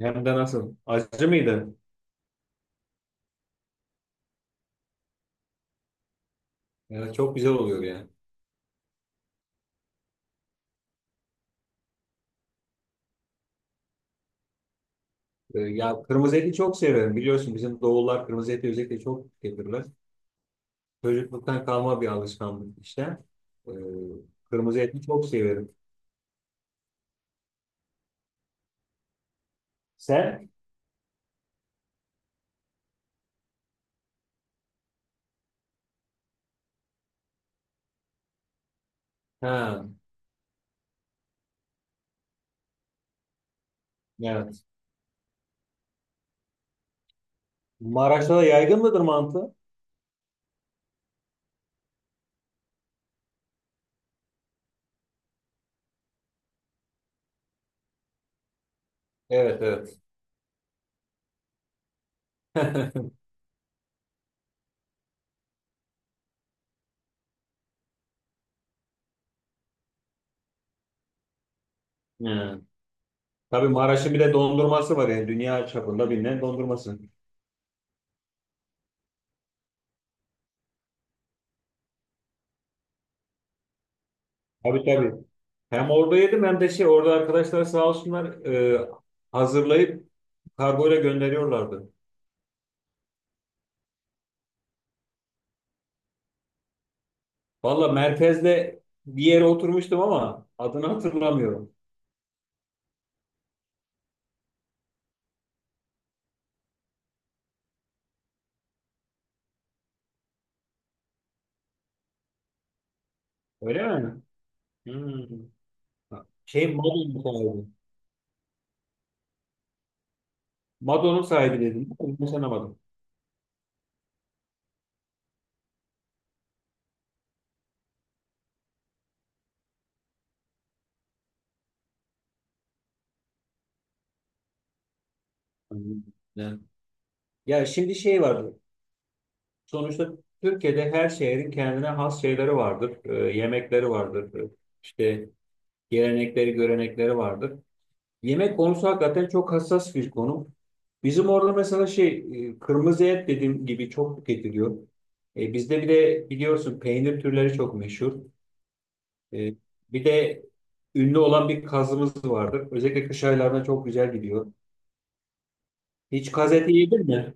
Hem de nasıl? Acı mıydı? Yani çok güzel oluyor yani. Ya kırmızı eti çok severim. Biliyorsun bizim doğullar kırmızı eti özellikle çok getirirler. Çocukluktan kalma bir alışkanlık işte. Ee, Kırmızı eti çok severim. Sen? Ha, evet. Maraş'ta da yaygın mıdır mantı? Evet, evet. Yani. Tabii Maraş'ın bir de dondurması var, yani dünya çapında bilinen dondurması. Tabii tabii. Hem orada yedim, hem de şey orada arkadaşlar sağ olsunlar hazırlayıp kargoyla gönderiyorlardı. Valla merkezde bir yere oturmuştum ama adını hatırlamıyorum. Öyle mi? Hmm. Şey, Mado'nun sahibi. Mado'nun sahibi dedim. Konuşamadım. Ne? Ya şimdi şey var. Sonuçta Türkiye'de her şehrin kendine has şeyleri vardır. Yemekleri vardır. İşte gelenekleri, görenekleri vardır. Yemek konusu hakikaten çok hassas bir konu. Bizim orada mesela şey kırmızı et dediğim gibi çok tüketiliyor. Bizde bir de biliyorsun peynir türleri çok meşhur. E, Bir de ünlü olan bir kazımız vardır. Özellikle kış aylarında çok güzel gidiyor. Hiç kaz eti yedin mi?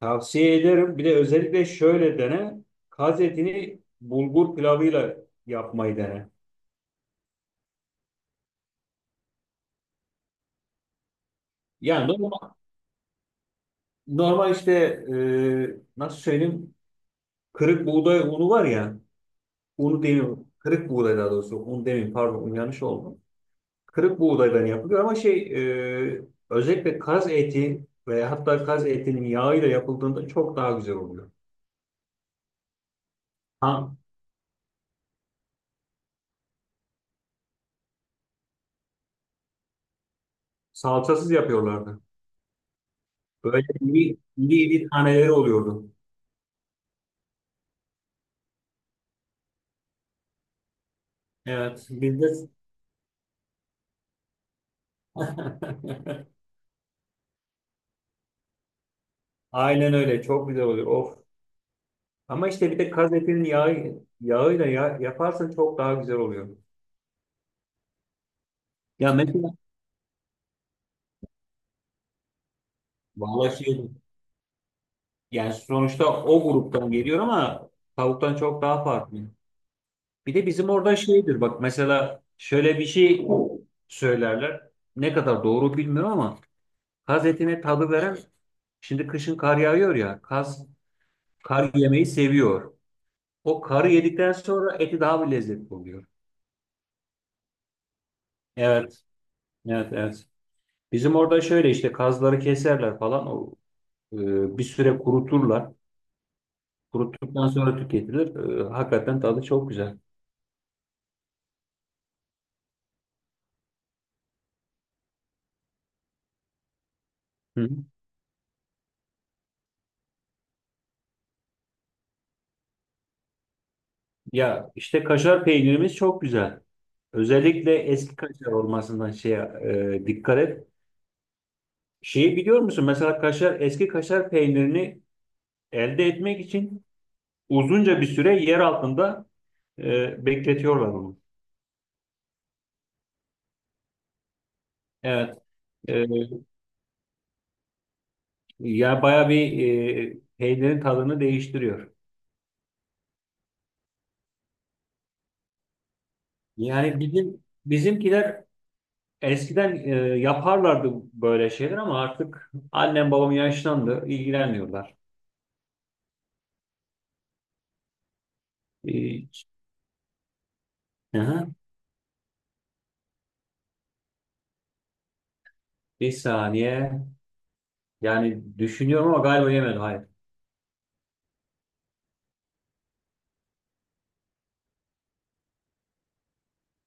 Tavsiye ederim. Bir de özellikle şöyle dene. Kaz etini bulgur pilavıyla yapmayı dene. Yani normal işte, e, nasıl söyleyeyim, kırık buğday unu var ya. Unu demiyorum. Kırık buğday daha doğrusu. Un demeyeyim, pardon, un yanlış oldu. Kırık buğdaydan yapılıyor ama şey, e, özellikle kaz eti veya hatta kaz etinin yağıyla yapıldığında çok daha güzel oluyor. Ha, salçasız yapıyorlardı. Böyle iri iri, iri taneleri oluyordu. Evet, bizde. Aynen öyle, çok güzel oluyor. Of. Ama işte bir de kaz etinin yağıyla ya, yaparsan çok daha güzel oluyor. Ya mesela, vallahi şey, yani sonuçta o gruptan geliyor ama tavuktan çok daha farklı. Bir de bizim orada şeydir, bak mesela şöyle bir şey söylerler. Ne kadar doğru bilmiyorum ama kaz etine tadı veren, şimdi kışın kar yağıyor ya, kaz kar yemeyi seviyor. O karı yedikten sonra eti daha bir lezzetli oluyor. Evet, evet, evet. Bizim orada şöyle işte kazları keserler falan, o bir süre kuruturlar. Kuruttuktan sonra tüketilir. Hakikaten tadı çok güzel. Hı hı. Ya işte kaşar peynirimiz çok güzel. Özellikle eski, evet, kaşar olmasından şeye, dikkat et. Şeyi biliyor musun? Mesela kaşar, eski kaşar peynirini elde etmek için uzunca bir süre yer altında bekletiyorlar onu. Evet. E, Ya baya bir peynirin tadını değiştiriyor. Yani bizimkiler eskiden yaparlardı böyle şeyler ama artık annem babam yaşlandı, ilgilenmiyorlar. E, hı hı. Bir saniye. Yani düşünüyorum ama galiba yemedim. Hayır.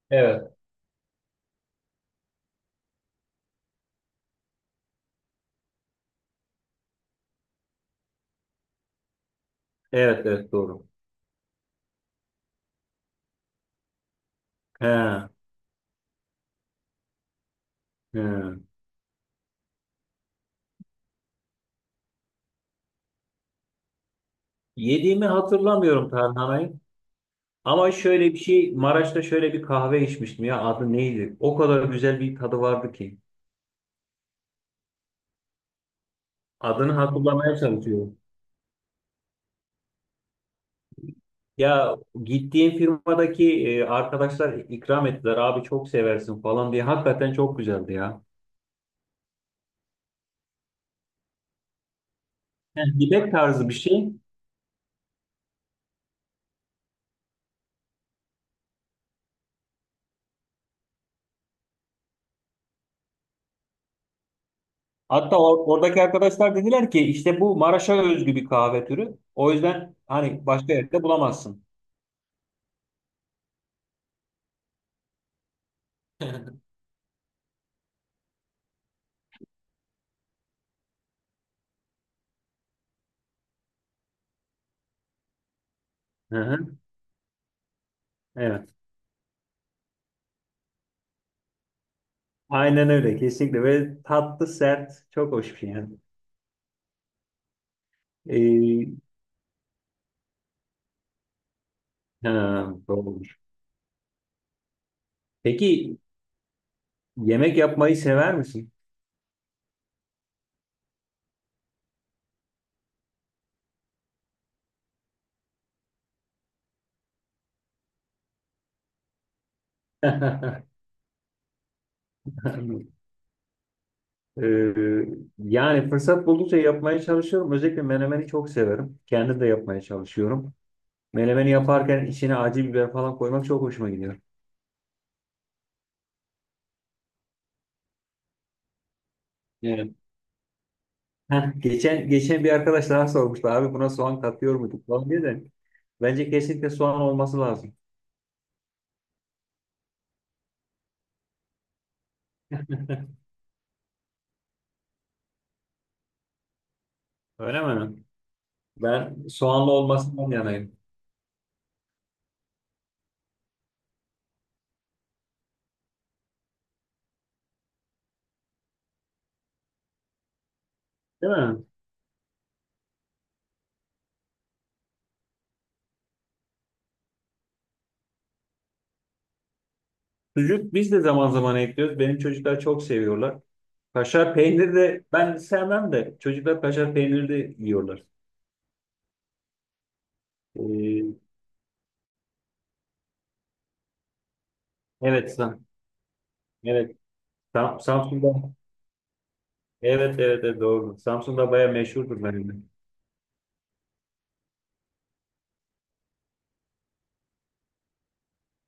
Evet. Evet, evet, doğru. He, he. Yediğimi hatırlamıyorum tarhanayı. Ama şöyle bir şey, Maraş'ta şöyle bir kahve içmiştim ya, adı neydi? O kadar güzel bir tadı vardı ki. Adını hatırlamaya çalışıyorum. Ya, gittiğim firmadaki arkadaşlar ikram ettiler, abi çok seversin falan diye. Hakikaten çok güzeldi ya. Yani yemek tarzı bir şey. Hatta oradaki arkadaşlar dediler ki işte bu Maraş'a özgü bir kahve türü. O yüzden hani başka yerde bulamazsın. Hı hı, evet. Aynen öyle, kesinlikle, ve tatlı sert, çok hoş bir şey yani. Ee, ha, doğrudur. Peki, yemek yapmayı sever misin? Ee, Yani fırsat buldukça yapmaya çalışıyorum. Özellikle menemeni çok severim. Kendim de yapmaya çalışıyorum. Menemeni yaparken içine acı biber falan koymak çok hoşuma gidiyor. Heh, geçen bir arkadaş daha sormuştu, abi buna soğan katıyor muyduk falan diye de, bence kesinlikle soğan olması lazım. Öyle mi? Ben soğanlı olmasından yanayım. Değil mi? Sucuk biz de zaman zaman ekliyoruz. Benim çocuklar çok seviyorlar. Kaşar peynir de, ben sevmem de çocuklar kaşar peyniri de yiyorlar. Ee, evet, Evet. Samsun'da. Evet, evet, evet, doğru. Samsun'da bayağı meşhurdur benim de.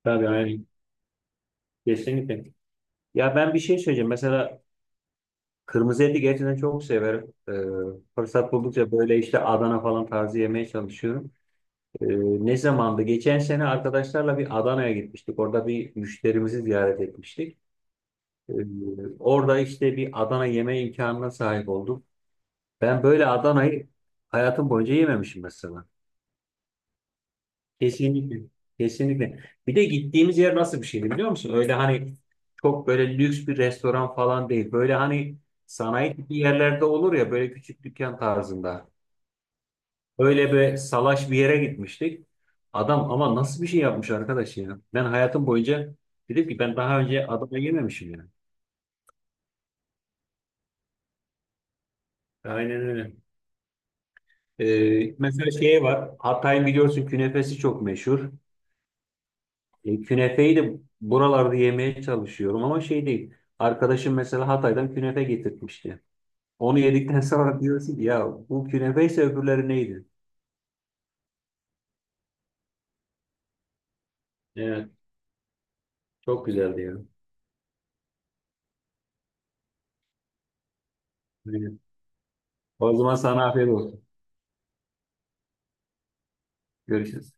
Tabii, aynen. Kesinlikle. Ya, ben bir şey söyleyeceğim. Mesela kırmızı eti gerçekten çok severim. Fırsat buldukça böyle işte Adana falan tarzı yemeye çalışıyorum. Ee, Ne zamandı? Geçen sene arkadaşlarla bir Adana'ya gitmiştik. Orada bir müşterimizi ziyaret etmiştik. Ee, Orada işte bir Adana yeme imkanına sahip oldum. Ben böyle Adana'yı hayatım boyunca yememişim mesela. Kesinlikle. Kesinlikle. Bir de gittiğimiz yer nasıl bir şeydi biliyor musun? Öyle hani çok böyle lüks bir restoran falan değil. Böyle hani sanayi tipi yerlerde olur ya, böyle küçük dükkan tarzında. Öyle bir salaş bir yere gitmiştik. Adam ama nasıl bir şey yapmış arkadaş ya. Ben hayatım boyunca, dedim ki, ben daha önce Adana yememişim yani. Aynen öyle. Mesela şey var. Hatay'ın biliyorsun künefesi çok meşhur. Künefeyi de buralarda yemeye çalışıyorum ama şey değil. Arkadaşım mesela Hatay'dan künefe getirtmişti. Onu yedikten sonra diyorsun ki, ya bu künefe ise öbürleri neydi? Evet, çok güzeldi ya. Aynen. O zaman sana afiyet olsun. Görüşürüz.